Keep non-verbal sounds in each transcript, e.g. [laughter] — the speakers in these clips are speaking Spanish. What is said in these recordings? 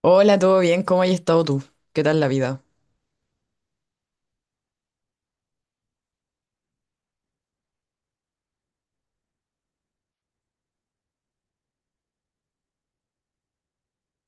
Hola, ¿todo bien? ¿Cómo has estado tú? ¿Qué tal la vida?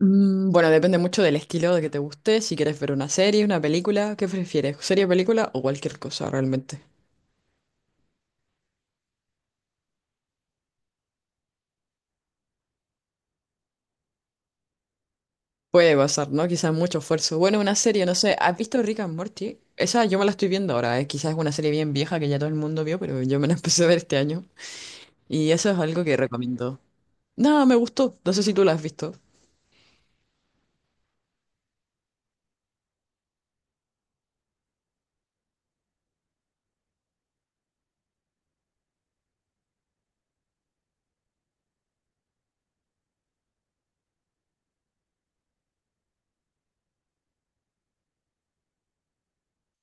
Bueno, depende mucho del estilo de que te guste, si quieres ver una serie, una película, ¿qué prefieres? ¿Serie, película o cualquier cosa realmente? Puede pasar, ¿no? Quizás mucho esfuerzo. Bueno, una serie, no sé, ¿has visto Rick and Morty? Esa yo me la estoy viendo ahora, ¿eh? Quizás es una serie bien vieja que ya todo el mundo vio, pero yo me la [laughs] empecé a ver este año. Y eso es algo que recomiendo. No, me gustó, no sé si tú la has visto.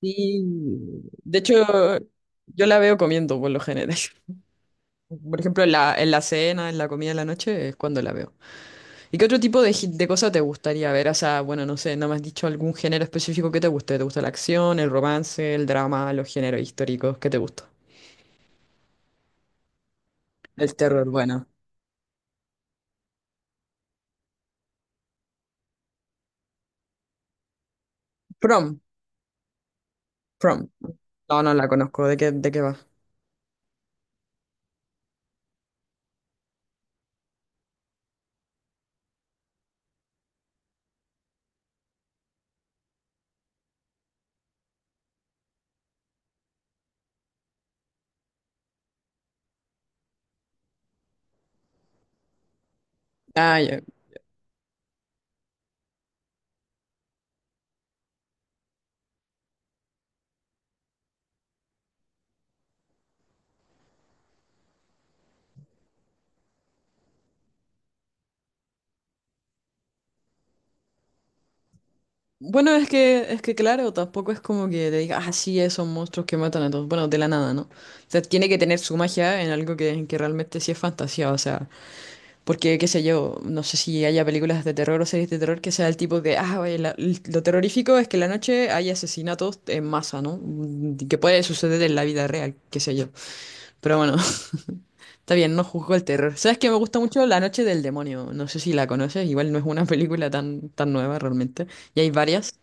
Sí. De hecho, yo la veo comiendo por lo general. Por ejemplo, en la cena, en la comida de la noche, es cuando la veo. ¿Y qué otro tipo de cosa te gustaría ver? O sea, bueno, no sé, no me has dicho algún género específico que te guste. ¿Te gusta la acción, el romance, el drama, los géneros históricos? ¿Qué te gusta? El terror, bueno. Prom, prom. No, no la conozco. ¿De qué va? Ah, ya. Bueno, es que claro, tampoco es como que te diga, ah, sí, esos monstruos que matan a todos. Bueno, de la nada, ¿no? O sea, tiene que tener su magia en algo que realmente sí es fantasía. O sea. Porque, qué sé yo, no sé si haya películas de terror o series de terror que sea el tipo de, ah, oye, lo terrorífico es que en la noche hay asesinatos en masa, ¿no? Que puede suceder en la vida real, qué sé yo. Pero bueno, [laughs] está bien, no juzgo el terror. ¿Sabes que me gusta mucho La Noche del Demonio? No sé si la conoces, igual no es una [laughs] película tan, tan nueva realmente. Y hay varias.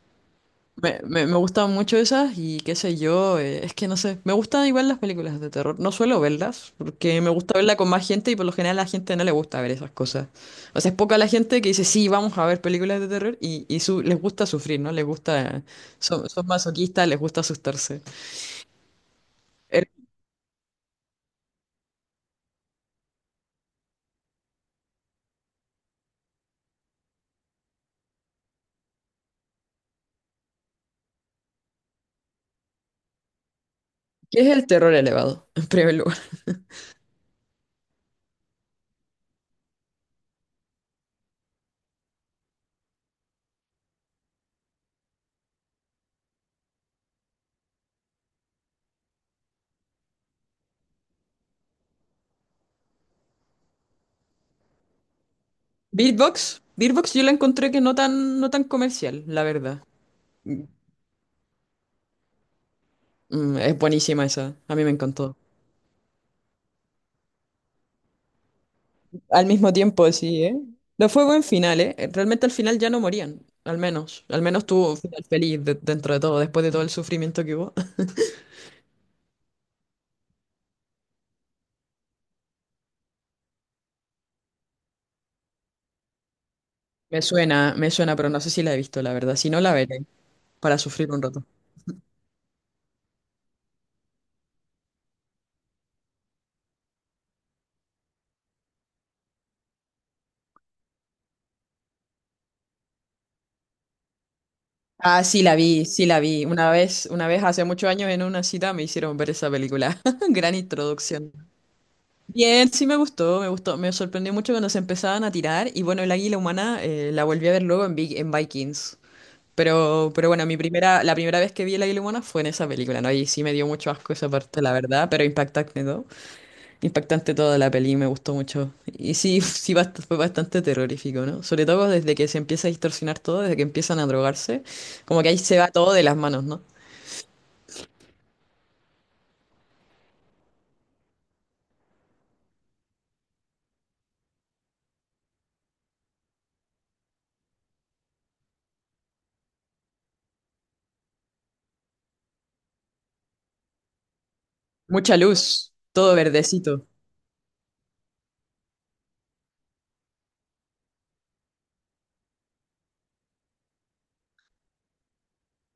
Me gustan mucho esas y qué sé yo, es que no sé, me gustan igual las películas de terror, no suelo verlas porque me gusta verla con más gente y por lo general a la gente no le gusta ver esas cosas. O sea, es poca la gente que dice, sí, vamos a ver películas de terror y les gusta sufrir, ¿no? Les gusta, son masoquistas, les gusta asustarse. El- ¿Qué es el terror elevado? [laughs] En primer lugar. Beatbox, Beatbox yo la encontré que no tan comercial, la verdad. Es buenísima esa, a mí me encantó. Al mismo tiempo, sí, ¿eh? No fue buen final, ¿eh? Realmente al final ya no morían, al menos. Al menos tuvo un final feliz dentro de todo, después de todo el sufrimiento que hubo. [laughs] Me suena, pero no sé si la he visto, la verdad. Si no, la veré para sufrir un rato. Ah, sí, la vi, sí, la vi. Una vez hace muchos años en una cita me hicieron ver esa película. [laughs] Gran introducción. Bien, sí me gustó, me gustó. Me sorprendió mucho cuando se empezaban a tirar. Y bueno, el águila humana la volví a ver luego en Vikings. Pero bueno, la primera vez que vi el águila humana fue en esa película, ¿no? Y sí me dio mucho asco esa parte, la verdad, pero impactante todo. Impactante toda la peli, me gustó mucho. Y sí, [laughs] sí fue bastante terrorífico, ¿no? Sobre todo desde que se empieza a distorsionar todo, desde que empiezan a drogarse, como que ahí se va todo de las manos, ¿no? Mucha luz, todo verdecito.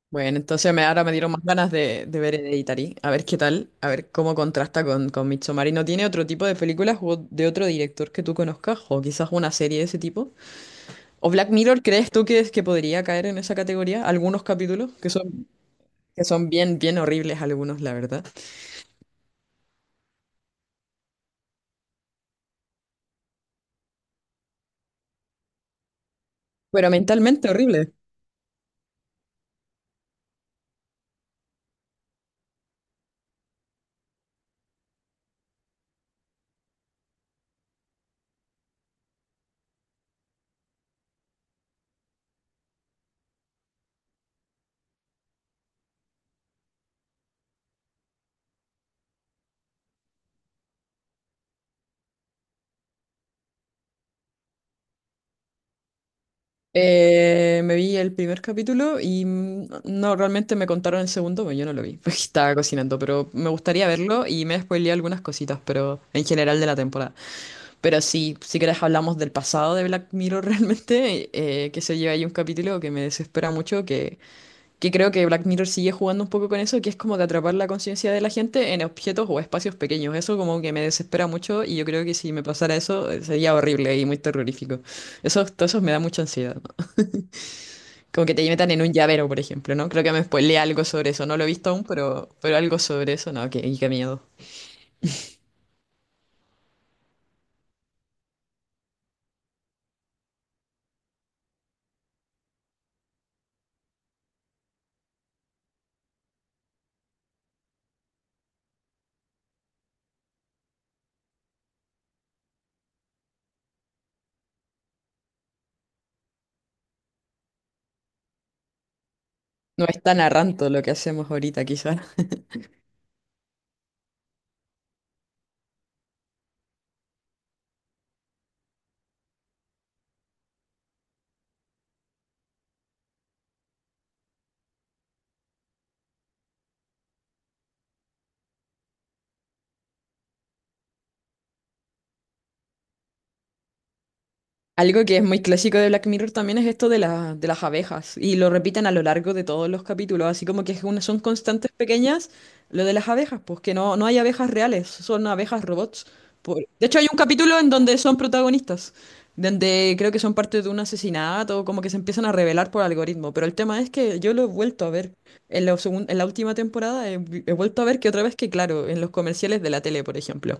Bueno, ahora me dieron más ganas de ver Hereditary, a ver qué tal, a ver cómo contrasta con Midsommar. ¿Y no tiene otro tipo de películas o de otro director que tú conozcas? O quizás una serie de ese tipo. ¿O Black Mirror crees tú que podría caer en esa categoría? Algunos capítulos que son bien, bien horribles algunos, la verdad. Pero mentalmente horribles. Me vi el primer capítulo y no, realmente me contaron el segundo, pero yo no lo vi, [laughs] porque estaba cocinando, pero me gustaría verlo y me spoileé algunas cositas, pero en general de la temporada. Pero sí, si querés hablamos del pasado de Black Mirror [laughs] realmente, que se lleva ahí un capítulo que me desespera mucho, que creo que Black Mirror sigue jugando un poco con eso, que es como de atrapar la conciencia de la gente en objetos o espacios pequeños. Eso como que me desespera mucho y yo creo que si me pasara eso sería horrible y muy terrorífico. Todo eso me da mucha ansiedad, ¿no? Como que te metan en un llavero, por ejemplo, ¿no? Creo que me spoileé algo sobre eso. No lo he visto aún, pero algo sobre eso, no, que, y qué miedo. No es tan arranto lo que hacemos ahorita, quizás. Algo que es muy clásico de Black Mirror también es esto de las abejas, y lo repiten a lo largo de todos los capítulos, así como que es son constantes pequeñas lo de las abejas, pues que no hay abejas reales, son abejas robots. De hecho, hay un capítulo en donde son protagonistas, donde creo que son parte de un asesinato, como que se empiezan a revelar por algoritmo, pero el tema es que yo lo he vuelto a ver en la última temporada, he vuelto a ver que otra vez que, claro, en los comerciales de la tele, por ejemplo.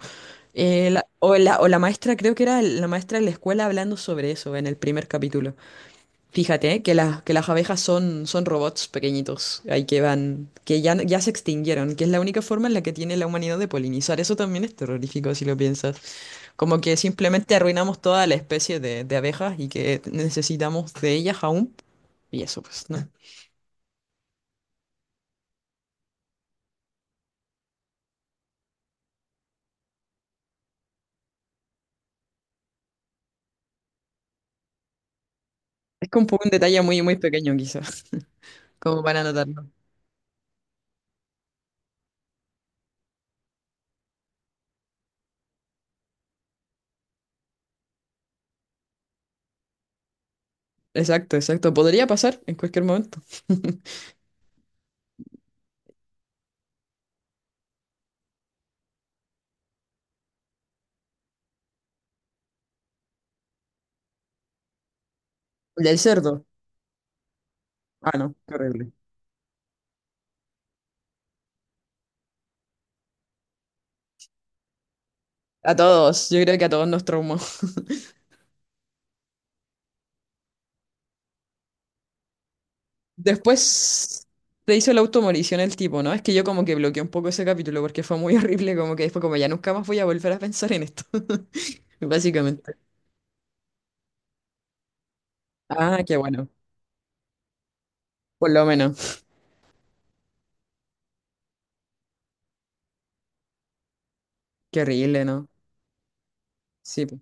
La maestra, creo que era la maestra de la escuela hablando sobre eso en el primer capítulo. Fíjate que las abejas son robots pequeñitos, ahí que van, que ya se extinguieron, que es la única forma en la que tiene la humanidad de polinizar. Eso también es terrorífico si lo piensas. Como que simplemente arruinamos toda la especie de abejas y que necesitamos de ellas aún. Y eso, pues, ¿no? Es como un poco un detalle muy, muy pequeño, quizás, [laughs] como para anotarlo. Exacto, exacto. Podría pasar en cualquier momento. [laughs] Del cerdo. Ah, no, qué horrible. A todos, yo creo que a todos nos traumó. Después se hizo la automorición el tipo, ¿no? Es que yo como que bloqueé un poco ese capítulo porque fue muy [laughs] horrible, como que después como ya nunca más voy a volver a pensar en esto, [laughs] básicamente. Ah, qué bueno, por lo menos. Qué horrible, ¿no? Sí. Po.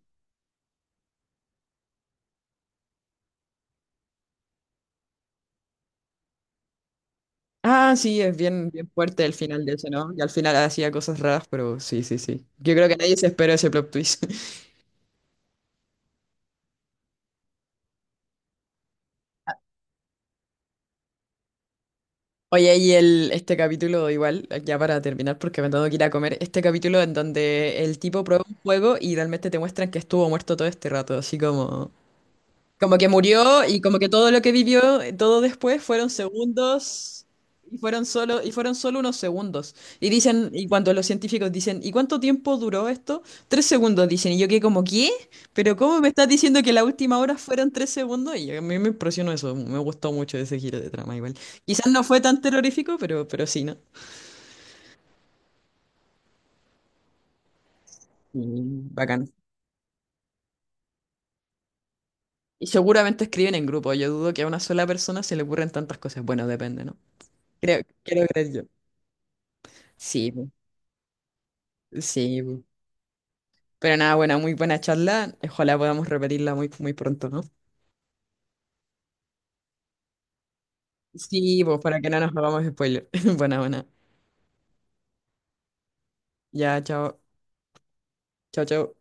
Ah, sí, es bien, bien fuerte el final de eso, ¿no? Y al final hacía cosas raras, pero sí, sí, sí. Yo creo que nadie se esperó ese plot twist. Oye, y este capítulo, igual, ya para terminar, porque me tengo que ir a comer, este capítulo en donde el tipo prueba un juego y realmente te muestran que estuvo muerto todo este rato, así como... Como que murió y como que todo lo que vivió, todo después fueron segundos y fueron solo unos segundos. Y cuando los científicos dicen, ¿y cuánto tiempo duró esto? 3 segundos, dicen. Y yo que como, ¿qué? ¿Pero cómo me estás diciendo que la última hora fueron 3 segundos? Y a mí me impresionó eso, me gustó mucho ese giro de trama igual. Quizás no fue tan terrorífico, pero sí, ¿no? Y bacán. Y seguramente escriben en grupo, yo dudo que a una sola persona se le ocurran tantas cosas. Bueno, depende, ¿no? Creo, quiero creer yo. Sí. Sí, bu. Pero nada, buena, muy buena charla. Ojalá podamos repetirla muy, muy pronto, ¿no? Sí, pues para que no nos hagamos spoiler. [laughs] Buena, buena. Ya, chao. Chao, chao.